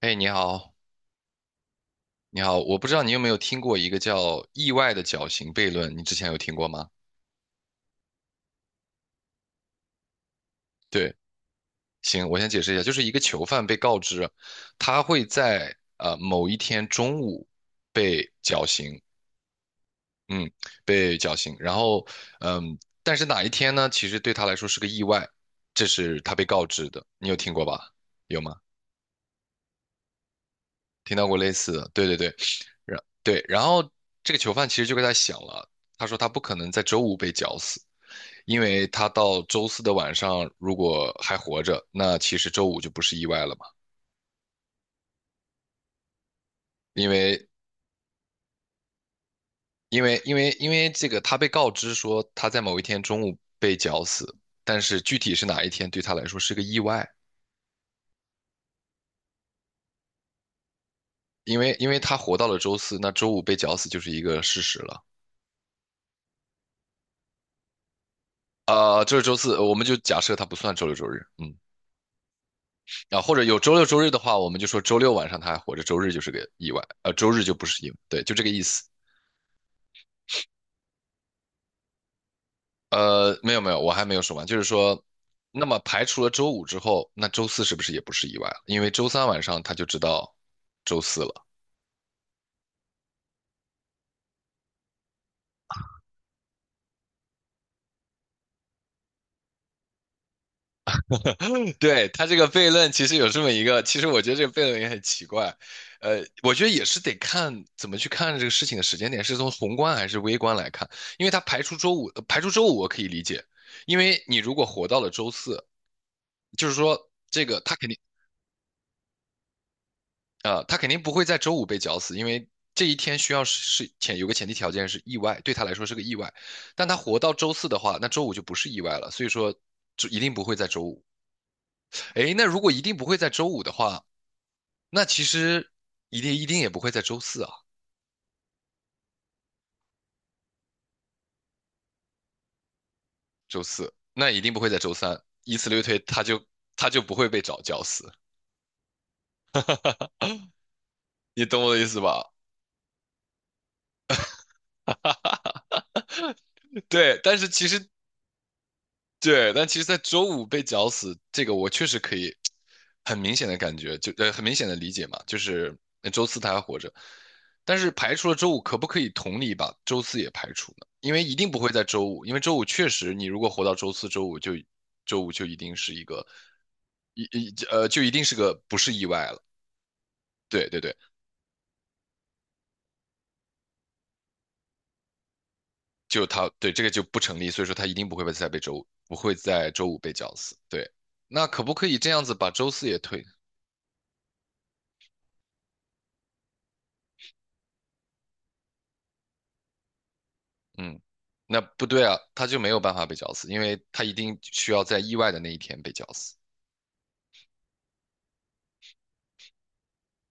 哎，你好，你好，我不知道你有没有听过一个叫意外的绞刑悖论，你之前有听过吗？对，行，我先解释一下，就是一个囚犯被告知，他会在某一天中午被绞刑，嗯，被绞刑，然后嗯，但是哪一天呢？其实对他来说是个意外，这是他被告知的，你有听过吧？有吗？听到过类似的？对对对，对，然后这个囚犯其实就跟他想了，他说他不可能在周五被绞死。因为他到周四的晚上如果还活着，那其实周五就不是意外了嘛。因为因为这个，他被告知说他在某一天中午被绞死，但是具体是哪一天对他来说是个意外，因为他活到了周四，那周五被绞死就是一个事实了。啊，这是周四，我们就假设他不算周六周日，啊，或者有周六周日的话，我们就说周六晚上他还活着，周日就是个意外，周日就不是意外，对，就这个意思。没有没有，我还没有说完，就是说，那么排除了周五之后，那周四是不是也不是意外了？因为周三晚上他就知道周四了。对，他这个悖论其实有这么一个，其实我觉得这个悖论也很奇怪，我觉得也是得看怎么去看这个事情的时间点，是从宏观还是微观来看，因为他排除周五，排除周五我可以理解，因为你如果活到了周四，就是说这个他肯定。他肯定不会在周五被绞死，因为这一天需要是前有个前提条件是意外，对他来说是个意外。但他活到周四的话，那周五就不是意外了，所以说就一定不会在周五。诶，那如果一定不会在周五的话，那其实一定也不会在周四啊，周四那一定不会在周三，以此类推，他就不会被找绞死，你懂我的意思吧？对，但是其实对，但其实，在周五被绞死，这个我确实可以很明显的感觉，就很明显的理解嘛，就是周四他还活着，但是排除了周五，可不可以同理把周四也排除呢？因为一定不会在周五，因为周五确实，你如果活到周四、周五就一定是一个一一呃就一定是个不是意外了。对对对，就他对这个就不成立，所以说他一定不会再被周五不会在周五被绞死。对，那可不可以这样子把周四也推？嗯，那不对啊，他就没有办法被绞死，因为他一定需要在意外的那一天被绞死。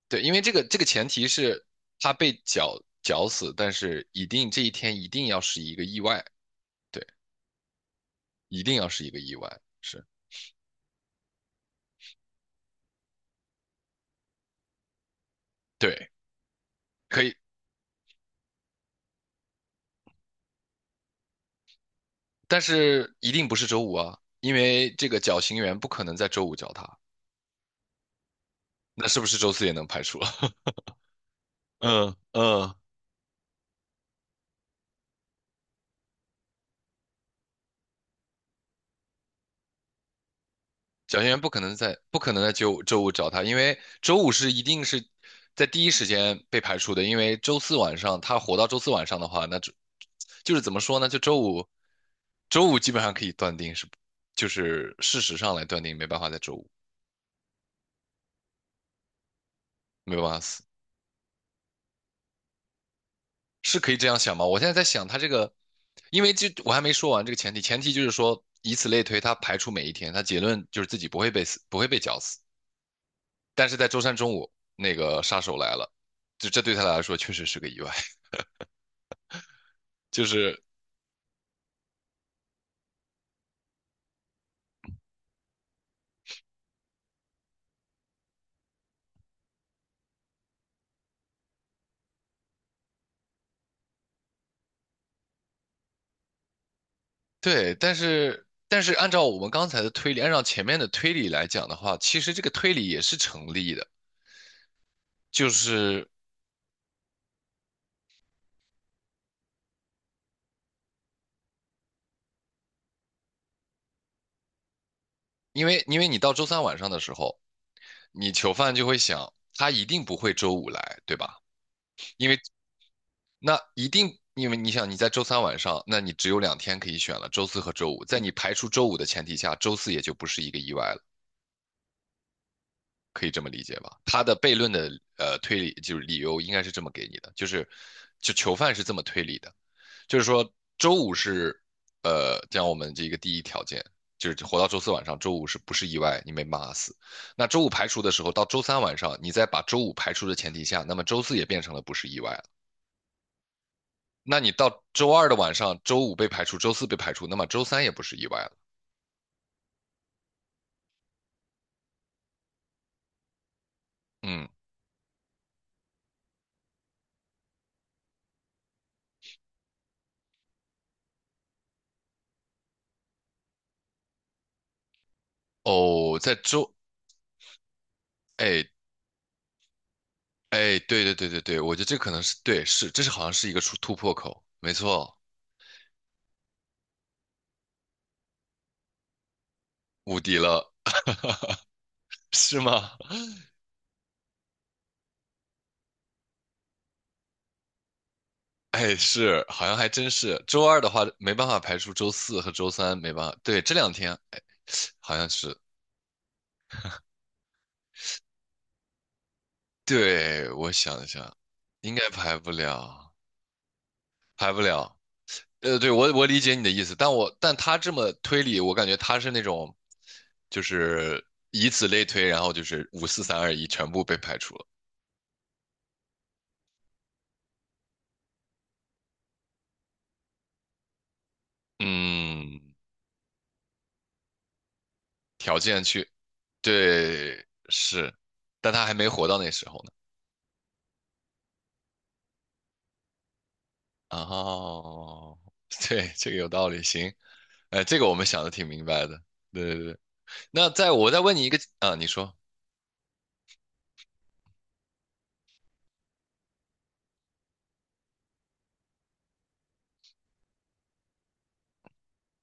对，因为这个前提是他被绞死，但是一定这一天一定要是一个意外，对，一定要是一个意外，是，对，可以，但是一定不是周五啊，因为这个绞刑员不可能在周五绞他，那是不是周四也能排除？嗯嗯，小学员不可能在周五找他，因为周五是一定是在第一时间被排除的，因为周四晚上他活到周四晚上的话，那就是怎么说呢？就周五，周五基本上可以断定是，就是事实上来断定没办法在周五没有办法死，是可以这样想吗？我现在在想他这个，因为这我还没说完这个前提，前提就是说以此类推，他排除每一天，他结论就是自己不会被死，不会被绞死。但是在周三中午，那个杀手来了，就这对他来说确实是个意外。就是对，但是按照我们刚才的推理，按照前面的推理来讲的话，其实这个推理也是成立的，就是因为你到周三晚上的时候，你囚犯就会想，他一定不会周五来，对吧？因为那一定，因为你想你在周三晚上，那你只有两天可以选了，周四和周五。在你排除周五的前提下，周四也就不是一个意外了。可以这么理解吧？他的悖论的推理就是理由应该是这么给你的，就囚犯是这么推理的，就是说周五是讲我们这个第一条件，就是活到周四晚上，周五是不是意外你没骂死？那周五排除的时候，到周三晚上，你再把周五排除的前提下，那么周四也变成了不是意外了。那你到周二的晚上，周五被排除，周四被排除，那么周三也不是意外了。嗯，哦，哎，哎，对对对对对，我觉得这可能是对，这是好像是一个突破口，没错，无敌了，是吗？哎，是，好像还真是。周二的话没办法排除周四和周三，没办法。对，这两天，哎，好像是。对，我想一下，应该排不了，排不了。对，我理解你的意思，但他这么推理，我感觉他是那种，就是以此类推，然后就是五四三二一全部被排除了。嗯，条件去。对，是，但他还没活到那时候呢。哦，对，这个有道理，行，哎，这个我们想的挺明白的。对对对，那我再问你一个啊，你说，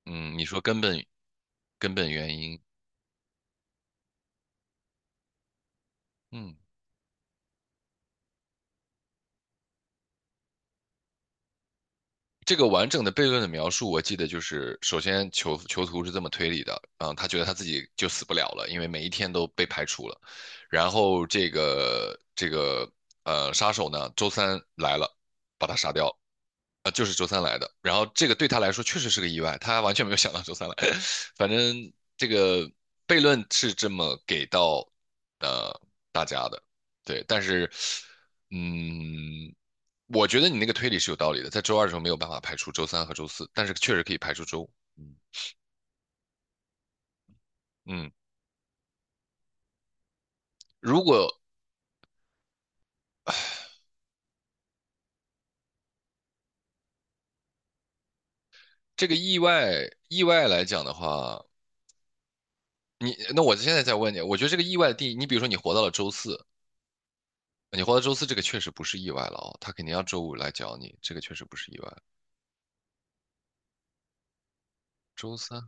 嗯，你说根本原因，嗯，这个完整的悖论的描述，我记得就是，首先囚徒是这么推理的，嗯，他觉得他自己就死不了了，因为每一天都被排除了。然后这个杀手呢，周三来了，把他杀掉了啊，就是周三来的。然后这个对他来说确实是个意外，他完全没有想到周三来。反正这个悖论是这么给到呃大家的，对。但是，嗯，我觉得你那个推理是有道理的，在周二的时候没有办法排除周三和周四，但是确实可以排除周五。嗯嗯，如果这个意外来讲的话，那我现在再问你，我觉得这个意外的定义，你比如说你活到周四，这个确实不是意外了哦，他肯定要周五来找你，这个确实不是意外。周三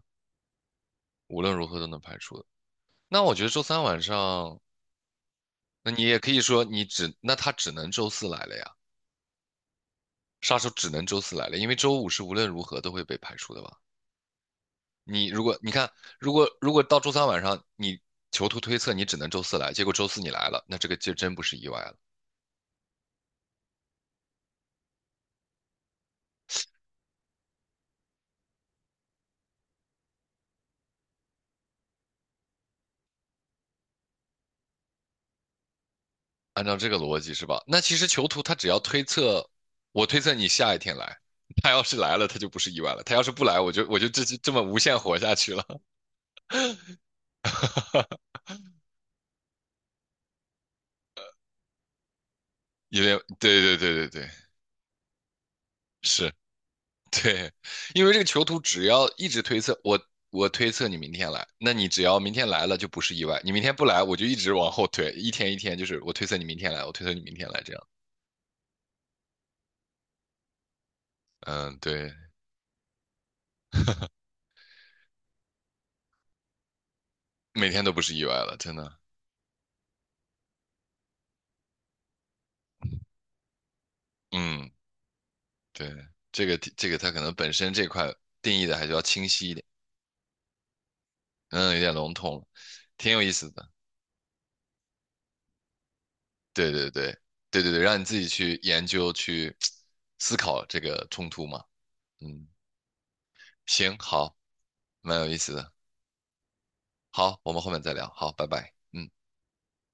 无论如何都能排除的。那我觉得周三晚上，那你也可以说那他只能周四来了呀，杀手只能周四来了，因为周五是无论如何都会被排除的吧？你如果你看，如果到周三晚上你囚徒推测你只能周四来，结果周四你来了，那这个就真不是意外了。按照这个逻辑是吧？那其实囚徒他只要推测，我推测你下一天来，他要是来了，他就不是意外了；他要是不来，我就这么无限活下去了。因为对对对对对，是，对，因为这个囚徒只要一直推测，我推测你明天来，那你只要明天来了就不是意外，你明天不来，我就一直往后推，一天一天就是我推测你明天来，我推测你明天来这样。嗯，对，每天都不是意外了，真的。嗯。对，这个它可能本身这块定义的还是要清晰一点，嗯，有点笼统了，挺有意思的。对对对对对对，让你自己去研究去思考这个冲突嘛。嗯，行，好，蛮有意思的。好，我们后面再聊。好，拜拜。嗯。